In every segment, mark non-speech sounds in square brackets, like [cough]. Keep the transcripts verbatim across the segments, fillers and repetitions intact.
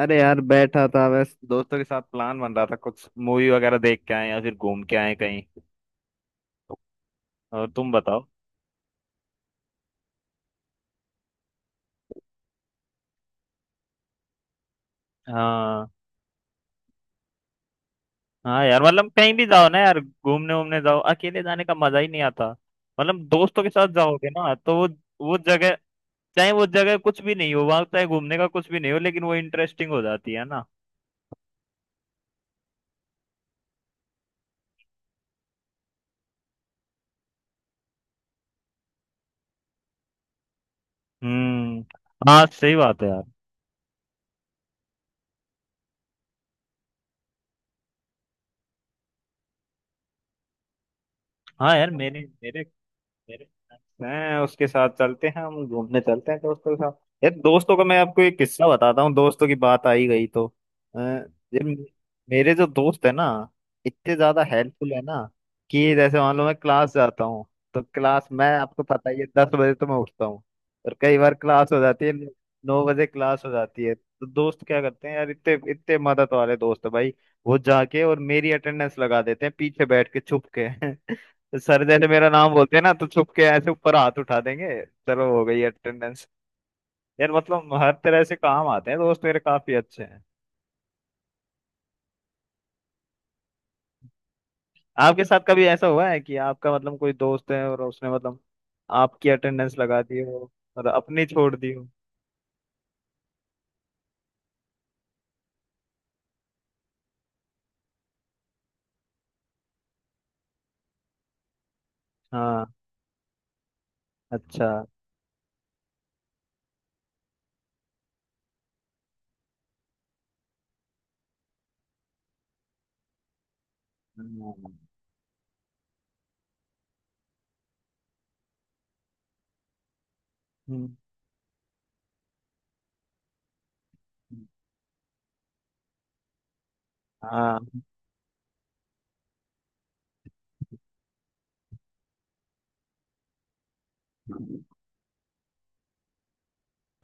अरे यार, बैठा था बस दोस्तों के साथ। प्लान बन रहा था कुछ मूवी वगैरह देख के आए या फिर घूम के आए कहीं। और तुम बताओ। हाँ। हाँ यार, मतलब कहीं भी जाओ ना यार, घूमने वूमने जाओ, अकेले जाने का मजा ही नहीं आता। मतलब दोस्तों के साथ जाओगे ना तो वो वो जगह, चाहे वो जगह कुछ भी नहीं हो, वहां चाहे घूमने का कुछ भी नहीं हो, लेकिन वो इंटरेस्टिंग हो जाती है ना। हम्म। हाँ सही बात है यार। हाँ यार, मेरे मेरे मेरे, मैं उसके साथ चलते हैं, हम घूमने चलते हैं दोस्तों के साथ। यार दोस्तों का मैं आपको एक किस्सा बताता हूँ, दोस्तों की बात आई गई तो। अ, ये मे- मेरे जो दोस्त है ना, इतने ज्यादा हेल्पफुल है ना कि जैसे मान लो मैं क्लास जाता हूँ, तो क्लास, मैं आपको पता ही है, दस बजे तो मैं उठता हूँ। और कई बार क्लास हो जाती है नौ बजे, क्लास हो जाती है तो दोस्त क्या करते हैं यार, इतने इतने मदद वाले दोस्त है भाई। वो जाके और मेरी अटेंडेंस लगा देते हैं पीछे बैठ के छुप के। [laughs] सर जैसे मेरा नाम बोलते हैं ना तो चुप के ऐसे ऊपर हाथ उठा देंगे, चलो हो गई अटेंडेंस। यार मतलब हर तरह से काम आते हैं, दोस्त मेरे काफी अच्छे हैं। आपके साथ कभी ऐसा हुआ है कि आपका मतलब कोई दोस्त है और उसने मतलब आपकी अटेंडेंस लगा दी हो, और अपनी छोड़ दी हो? हाँ। अच्छा। हम्म, हम्म, हाँ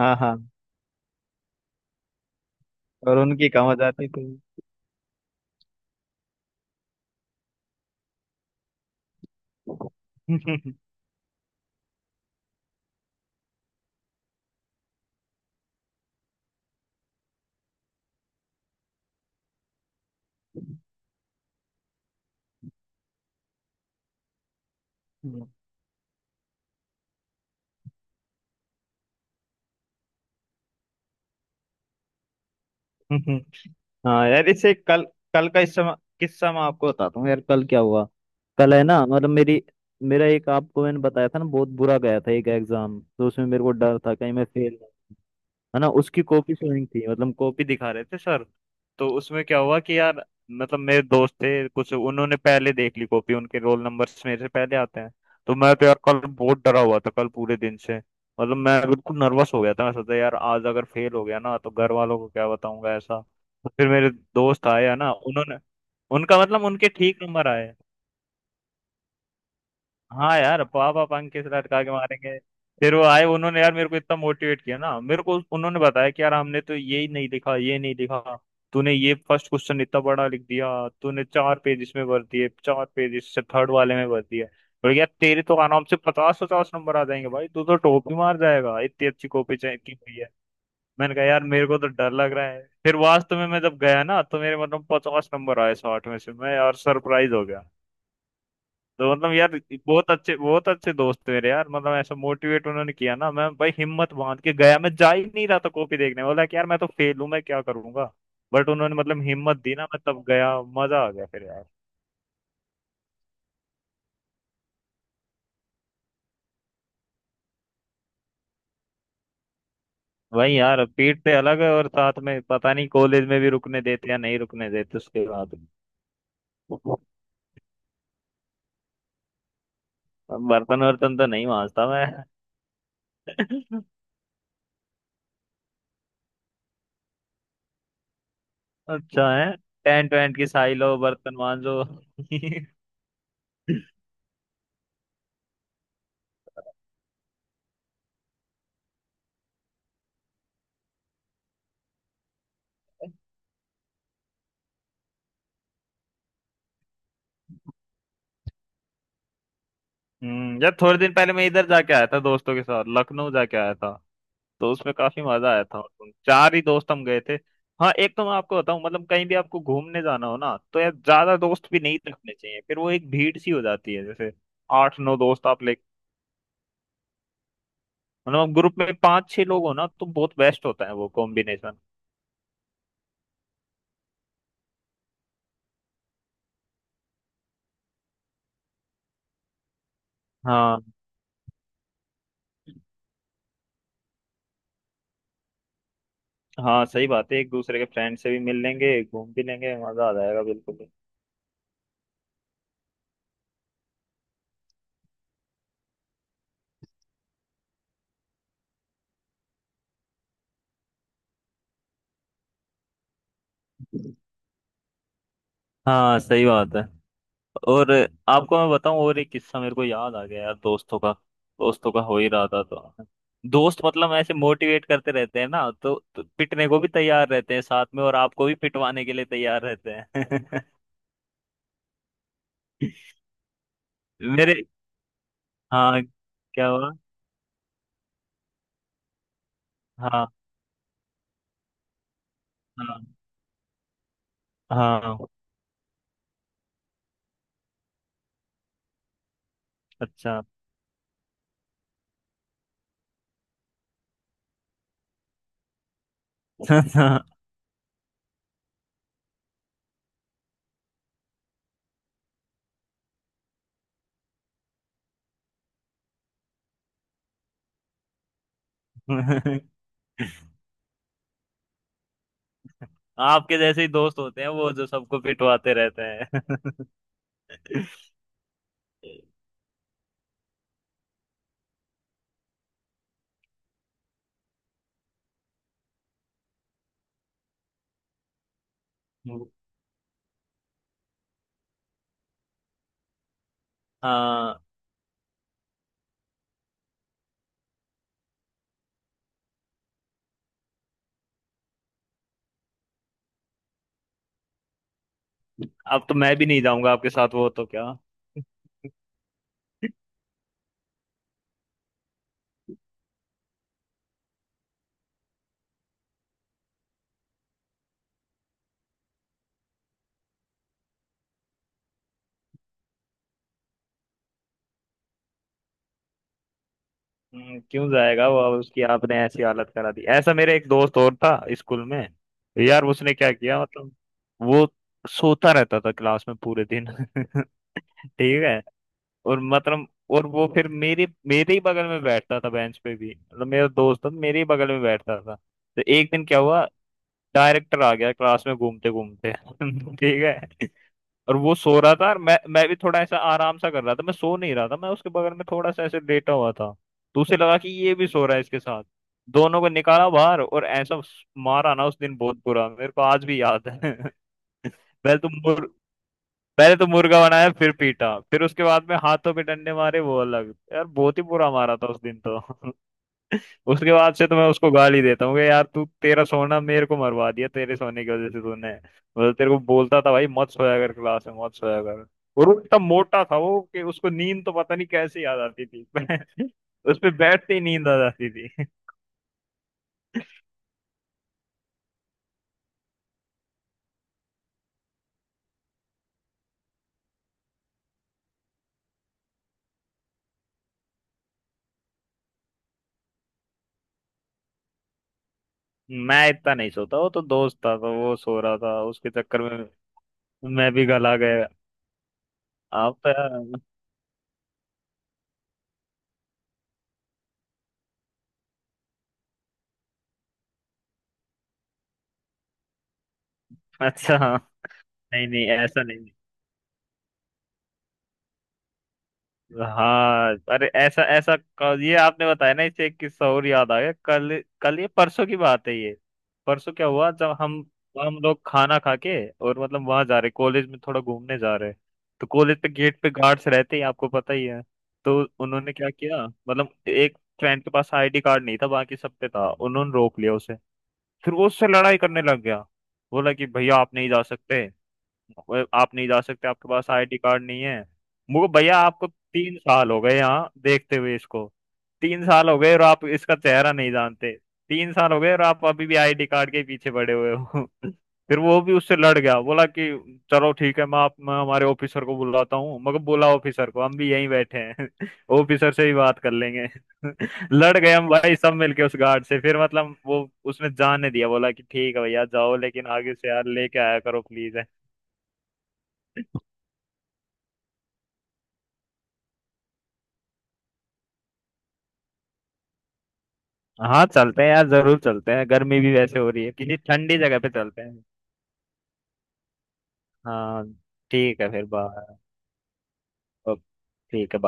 हाँ हाँ। और उनकी कम हो जाती थी। [laughs] हाँ यार, इससे कल, कल का इस समय किस्सा मैं आपको बताता हूँ यार, कल क्या हुआ। कल है ना, मतलब मेरी मेरा एक, आपको मैंने बताया था ना, बहुत बुरा गया था एक एग्जाम, तो उसमें मेरे को डर था कहीं मैं फेल ना, है ना। उसकी कॉपी शोइंग थी, मतलब कॉपी दिखा रहे थे सर। तो उसमें क्या हुआ कि यार, मतलब मेरे दोस्त थे कुछ, उन्होंने पहले देख ली कॉपी, उनके रोल नंबर्स मेरे से पहले आते हैं। तो मैं तो यार कल बहुत डरा हुआ था, कल पूरे दिन से मतलब मैं बिल्कुल नर्वस हो गया था। मैं सोचा यार आज अगर फेल हो गया ना तो घर वालों को क्या बताऊंगा, ऐसा। तो फिर मेरे दोस्त आए है ना, उन्होंने, उनका मतलब उनके ठीक नंबर आए। हाँ यार पापा पंख किस लटका के मारेंगे। फिर वो आए, उन्होंने यार मेरे को इतना मोटिवेट किया ना, मेरे को उन्होंने बताया कि यार हमने तो ये ही नहीं लिखा, ये नहीं लिखा। तूने ये फर्स्ट क्वेश्चन इतना बड़ा लिख दिया, तूने चार पेज इसमें भर दिए, चार पेज इससे थर्ड वाले में भर दिए। और यार तेरे तो आराम से पचास पचास नंबर आ जाएंगे भाई, तू तो टॉप ही मार जाएगा, इतनी अच्छी कॉपी चाहिए की हुई है। मैंने कहा यार मेरे को तो डर लग रहा है। फिर वास्तव में मैं जब गया ना तो मेरे मतलब पचास नंबर आए साठ में से, मैं यार सरप्राइज हो। तो मतलब यार बहुत अच्छे बहुत अच्छे दोस्त मेरे यार, मतलब ऐसा मोटिवेट उन्होंने किया ना, मैं भाई हिम्मत बांध के गया, मैं जा ही नहीं रहा था कॉपी देखने, बोला कि यार मैं तो फेल हूं, मैं क्या करूंगा। बट उन्होंने मतलब हिम्मत दी ना, मैं तब गया, मजा आ गया फिर यार। वही यार, पीठ से अलग है और साथ में पता नहीं कॉलेज में भी रुकने देते या नहीं रुकने देते उसके बाद। बर्तन वर्तन तो नहीं मांजता मैं। [laughs] अच्छा है, टेंट वेंट की साई लो बर्तन मांजो। [laughs] हम्म, यार थोड़े दिन पहले मैं इधर जाके आया था दोस्तों के साथ, लखनऊ जाके आया था। तो उसमें काफी मजा आया था। चार ही दोस्त हम गए थे। हाँ एक तो मैं आपको बताऊं, मतलब कहीं भी आपको घूमने जाना हो ना तो यार ज्यादा दोस्त भी नहीं रखने चाहिए, फिर वो एक भीड़ सी हो जाती है, जैसे आठ नौ दोस्त आप ले। मतलब आप ग्रुप में पांच छह लोग हो ना तो बहुत बेस्ट होता है वो कॉम्बिनेशन। हाँ। हाँ सही बात है, एक दूसरे के फ्रेंड से भी मिल लेंगे, घूम भी लेंगे, मजा आ जाएगा बिल्कुल। हाँ सही बात है। और आपको मैं बताऊं, और एक किस्सा मेरे को याद आ गया यार, दोस्तों का। दोस्तों का हो ही रहा था तो। दोस्त मतलब ऐसे मोटिवेट करते रहते हैं ना तो, तो पिटने को भी तैयार रहते हैं साथ में, और आपको भी पिटवाने के लिए तैयार रहते हैं। [laughs] मेरे, हाँ क्या हुआ। हाँ हाँ हाँ। अच्छा। [laughs] आपके जैसे ही दोस्त होते हैं वो, जो सबको पिटवाते रहते हैं। [laughs] हाँ, अब तो मैं भी नहीं जाऊंगा आपके साथ, वो तो क्या। [laughs] हम्म, क्यों जाएगा वो अब, उसकी आपने ऐसी हालत करा दी। ऐसा मेरे एक दोस्त और था स्कूल में, यार उसने क्या किया मतलब, वो सोता रहता था क्लास में पूरे दिन। [laughs] ठीक है, और मतलब और वो फिर मेरे मेरे ही बगल में बैठता था बेंच पे भी, मतलब मेरा दोस्त था तो मेरे ही बगल में बैठता था, तो एक दिन क्या हुआ, डायरेक्टर आ गया क्लास में घूमते घूमते। [laughs] ठीक है, और वो सो रहा था, और मैं मैं भी थोड़ा ऐसा आराम सा कर रहा था, मैं सो नहीं रहा था, मैं उसके बगल में थोड़ा सा ऐसे लेटा हुआ था। तो उसे लगा कि ये भी सो रहा है इसके साथ, दोनों को निकाला बाहर, और ऐसा मारा ना उस दिन, बहुत बुरा, मेरे को आज भी याद है। [laughs] पहले तो मुर पहले तो मुर्गा बनाया, फिर पीटा, फिर उसके बाद में हाथों पे डंडे मारे वो अलग, यार बहुत ही बुरा मारा था उस दिन तो। [laughs] उसके बाद से तो मैं उसको गाली देता हूँ कि यार तू, तेरा सोना मेरे को मरवा दिया, तेरे सोने की वजह से, तूने मतलब, तेरे को बोलता था भाई मत सोया कर क्लास में, मत सोया कर। और वो इतना मोटा था वो, कि उसको नींद तो पता नहीं कैसे याद आती थी। [laughs] उस पे बैठते ही नींद आ जाती थी। [laughs] मैं इतना नहीं सोता, वो तो दोस्त था तो वो सो रहा था, उसके चक्कर में मैं भी गला गया। आप तो यार। [laughs] अच्छा हाँ। नहीं नहीं ऐसा नहीं। हाँ अरे ऐसा ऐसा क- ये आपने बताया ना, इससे एक किस्सा और याद आ गया, कल कल ये परसों की बात है ये। परसों क्या हुआ, जब हम हम लोग खाना खा के और मतलब वहां जा रहे कॉलेज में थोड़ा घूमने जा रहे। तो कॉलेज पे गेट पे गार्ड्स रहते हैं, आपको पता ही है। तो उन्होंने क्या किया, मतलब एक फ्रेंड के पास आईडी कार्ड नहीं था, बाकी सब पे था, उन्होंने रोक लिया उसे। फिर वो उससे लड़ाई करने लग गया, बोला कि भैया आप नहीं जा सकते, वो आप नहीं जा सकते, आपके पास आईडी कार्ड नहीं है। मुझे भैया आपको तीन साल हो गए यहाँ देखते हुए इसको, तीन साल हो गए और आप इसका चेहरा नहीं जानते, तीन साल हो गए और आप अभी भी आईडी कार्ड के पीछे पड़े हुए हो। [laughs] फिर वो भी उससे लड़ गया, बोला कि चलो ठीक है, मैं आप मैं हमारे ऑफिसर को बुलाता हूँ, मगर बोला ऑफिसर को, हम भी यहीं बैठे हैं। [laughs] ऑफिसर से ही बात कर लेंगे। [laughs] लड़ गए हम भाई सब मिलके उस गार्ड से, फिर मतलब वो उसने जाने दिया, बोला कि ठीक है भैया जाओ, लेकिन आगे से यार लेके आया करो प्लीज। हाँ चलते हैं यार, जरूर चलते हैं, गर्मी भी वैसे हो रही है, किसी ठंडी जगह पे चलते हैं। हाँ ठीक है फिर बाय। ओ, ठीक है।